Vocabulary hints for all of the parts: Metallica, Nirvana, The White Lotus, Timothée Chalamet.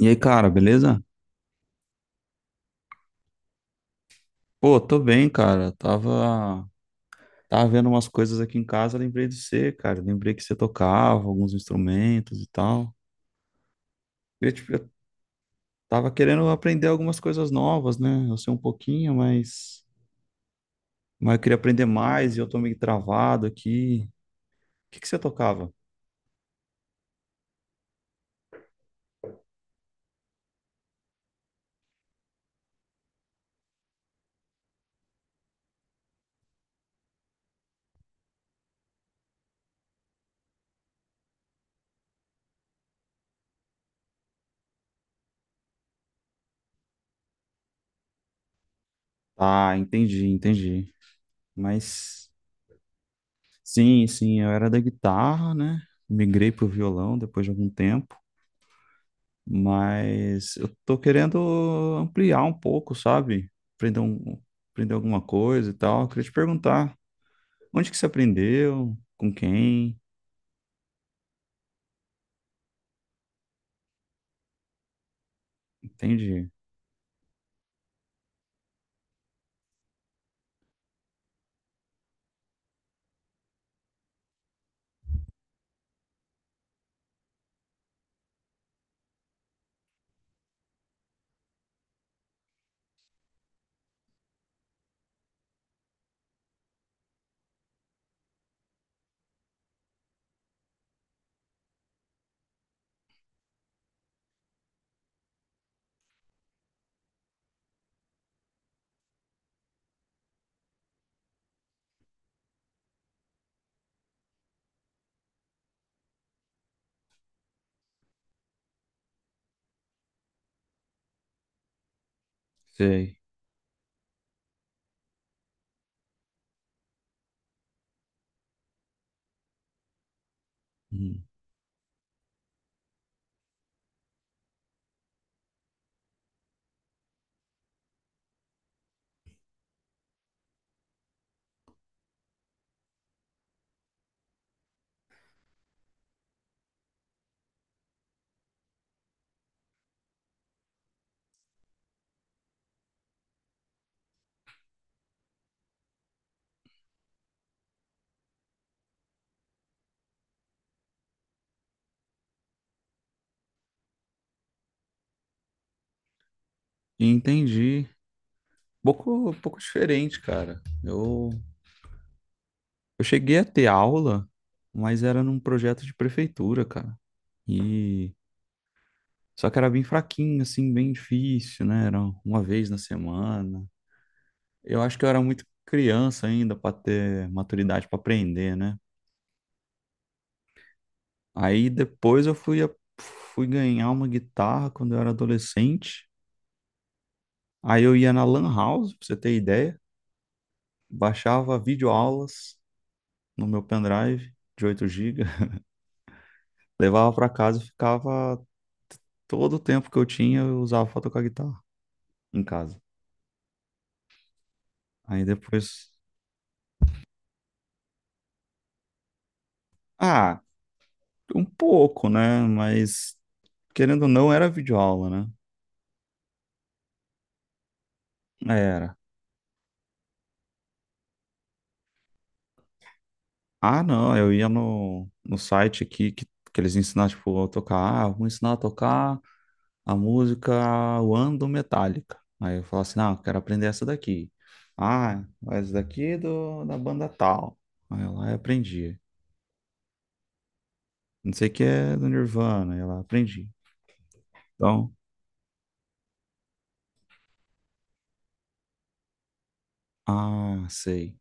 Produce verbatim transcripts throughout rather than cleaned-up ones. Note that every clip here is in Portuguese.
E aí, cara, beleza? Pô, tô bem, cara. Tava, tava vendo umas coisas aqui em casa, lembrei de você, cara. Lembrei que você tocava alguns instrumentos e tal. Eu, tipo, eu tava querendo aprender algumas coisas novas, né? Eu sei um pouquinho, mas, mas eu queria aprender mais e eu tô meio travado aqui. O que que você tocava? Ah, entendi, entendi. Mas sim, sim, eu era da guitarra, né? Migrei pro violão depois de algum tempo. Mas eu tô querendo ampliar um pouco, sabe? Aprender, um, aprender alguma coisa e tal. Eu queria te perguntar, onde que você aprendeu? Com quem? Entendi. Sei. Hum. Entendi. Pouco, pouco diferente, cara. Eu, eu cheguei a ter aula, mas era num projeto de prefeitura, cara. E só que era bem fraquinho, assim, bem difícil, né? Era uma vez na semana. Eu acho que eu era muito criança ainda para ter maturidade para aprender, né? Aí depois eu fui, a- fui ganhar uma guitarra quando eu era adolescente. Aí eu ia na Lan House, pra você ter ideia, baixava videoaulas no meu pendrive de oito gigas, levava para casa e ficava todo o tempo que eu tinha, eu usava pra tocar guitarra em casa. Aí depois, ah, um pouco, né? Mas querendo ou não, era videoaula, né? Era. Ah, não, eu ia no, no site aqui que, que eles ensinam, tipo, a tocar. Ah, vou ensinar a tocar a música One do Metallica. Aí eu falo assim, não, quero aprender essa daqui. Ah, essa daqui é do, da banda tal. Aí eu lá eu aprendi. Não sei o que é do Nirvana, aí eu lá aprendi. Então, ah, sei,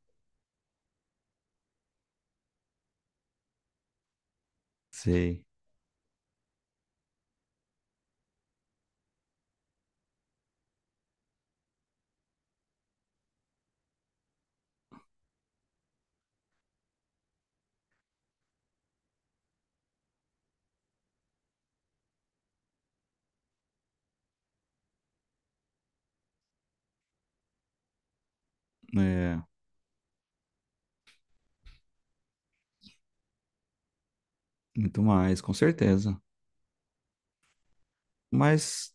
sei. É, muito mais, com certeza. Mas,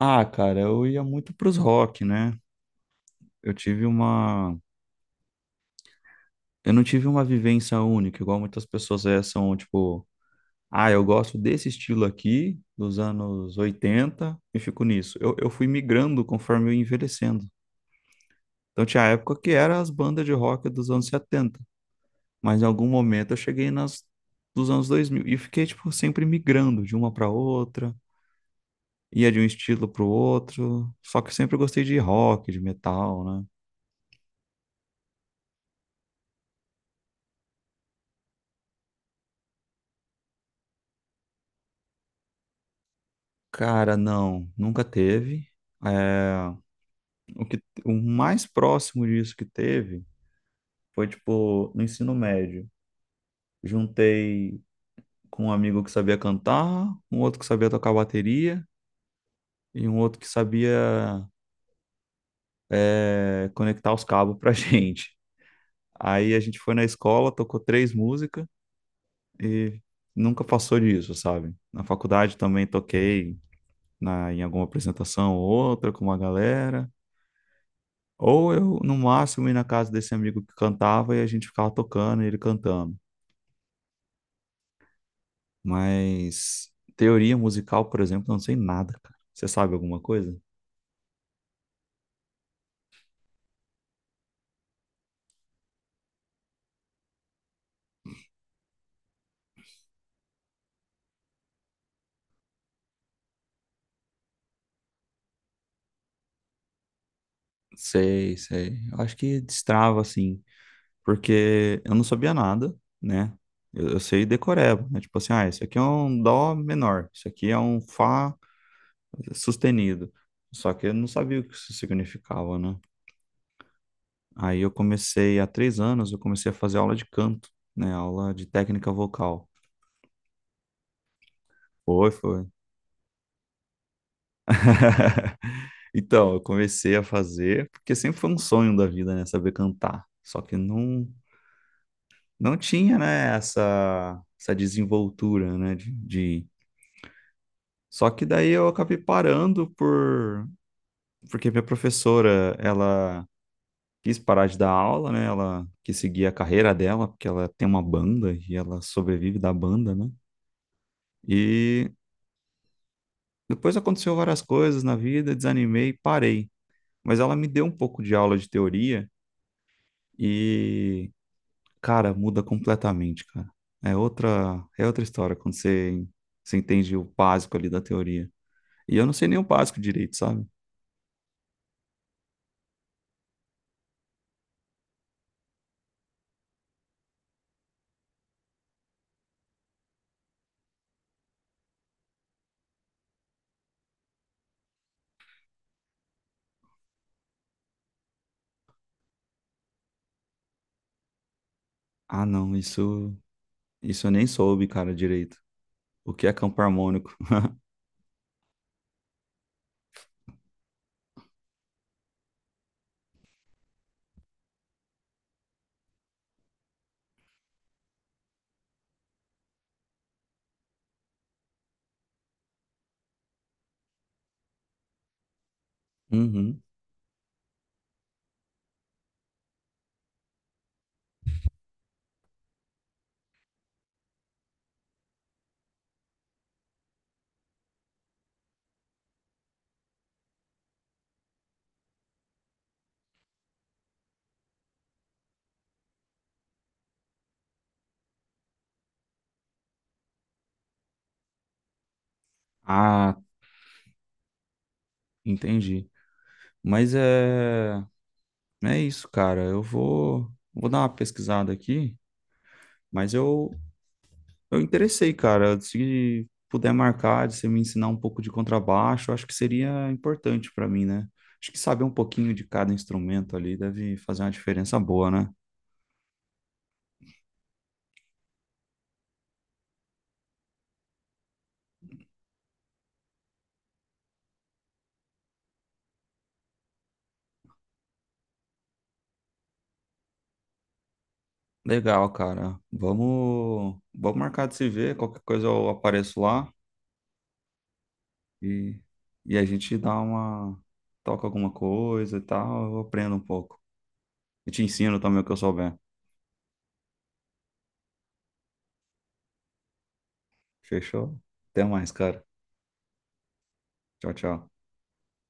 ah, cara, eu ia muito pros rock, né? Eu tive uma. Eu não tive uma vivência única, igual muitas pessoas é, são, tipo, ah, eu gosto desse estilo aqui, dos anos oitenta e fico nisso. Eu, eu fui migrando conforme eu ia envelhecendo. Então tinha época que era as bandas de rock dos anos setenta, mas em algum momento eu cheguei nas dos anos dois mil e fiquei, tipo, sempre migrando de uma para outra, ia de um estilo para o outro, só que eu sempre gostei de rock, de metal, né? Cara, não, nunca teve. É... O que, o mais próximo disso que teve foi, tipo, no ensino médio. Juntei com um amigo que sabia cantar, um outro que sabia tocar bateria e um outro que sabia, é, conectar os cabos pra gente. Aí a gente foi na escola, tocou três músicas e nunca passou disso, sabe? Na faculdade também toquei na, em alguma apresentação ou outra com uma galera. Ou eu, no máximo, ia na casa desse amigo que cantava e a gente ficava tocando e ele cantando. Mas teoria musical, por exemplo, eu não sei nada, cara. Você sabe alguma coisa? Sei, sei. Eu acho que destrava, assim, porque eu não sabia nada, né? Eu, eu sei decoreba, né? Tipo assim, ah, isso aqui é um dó menor, isso aqui é um fá sustenido. Só que eu não sabia o que isso significava, né? Aí eu comecei, há três anos, eu comecei a fazer aula de canto, né? Aula de técnica vocal. Foi, foi. Então, eu comecei a fazer, porque sempre foi um sonho da vida, né? Saber cantar. Só que não, não tinha, né, essa, essa desenvoltura, né? De, de... Só que daí eu acabei parando por... Porque minha professora, ela quis parar de dar aula, né? Ela quis seguir a carreira dela, porque ela tem uma banda e ela sobrevive da banda, né? E depois aconteceu várias coisas na vida, desanimei e parei. Mas ela me deu um pouco de aula de teoria e... Cara, muda completamente, cara. É outra, é outra história quando você, você entende o básico ali da teoria. E eu não sei nem o básico direito, sabe? Ah, não, isso, isso eu nem soube, cara, direito. O que é campo harmônico? Uhum. Ah, entendi. Mas é, é isso, cara. Eu vou, vou dar uma pesquisada aqui, mas eu, Eu interessei, cara. Se puder marcar, de você me ensinar um pouco de contrabaixo, eu acho que seria importante para mim, né? Acho que saber um pouquinho de cada instrumento ali deve fazer uma diferença boa, né? Legal, cara. Vamos, vamos marcar de se ver. Qualquer coisa eu apareço lá e, e a gente dá uma, toca alguma coisa e tal. Eu aprendo um pouco. E te ensino também o que eu souber. Fechou? Até mais, cara. Tchau, tchau.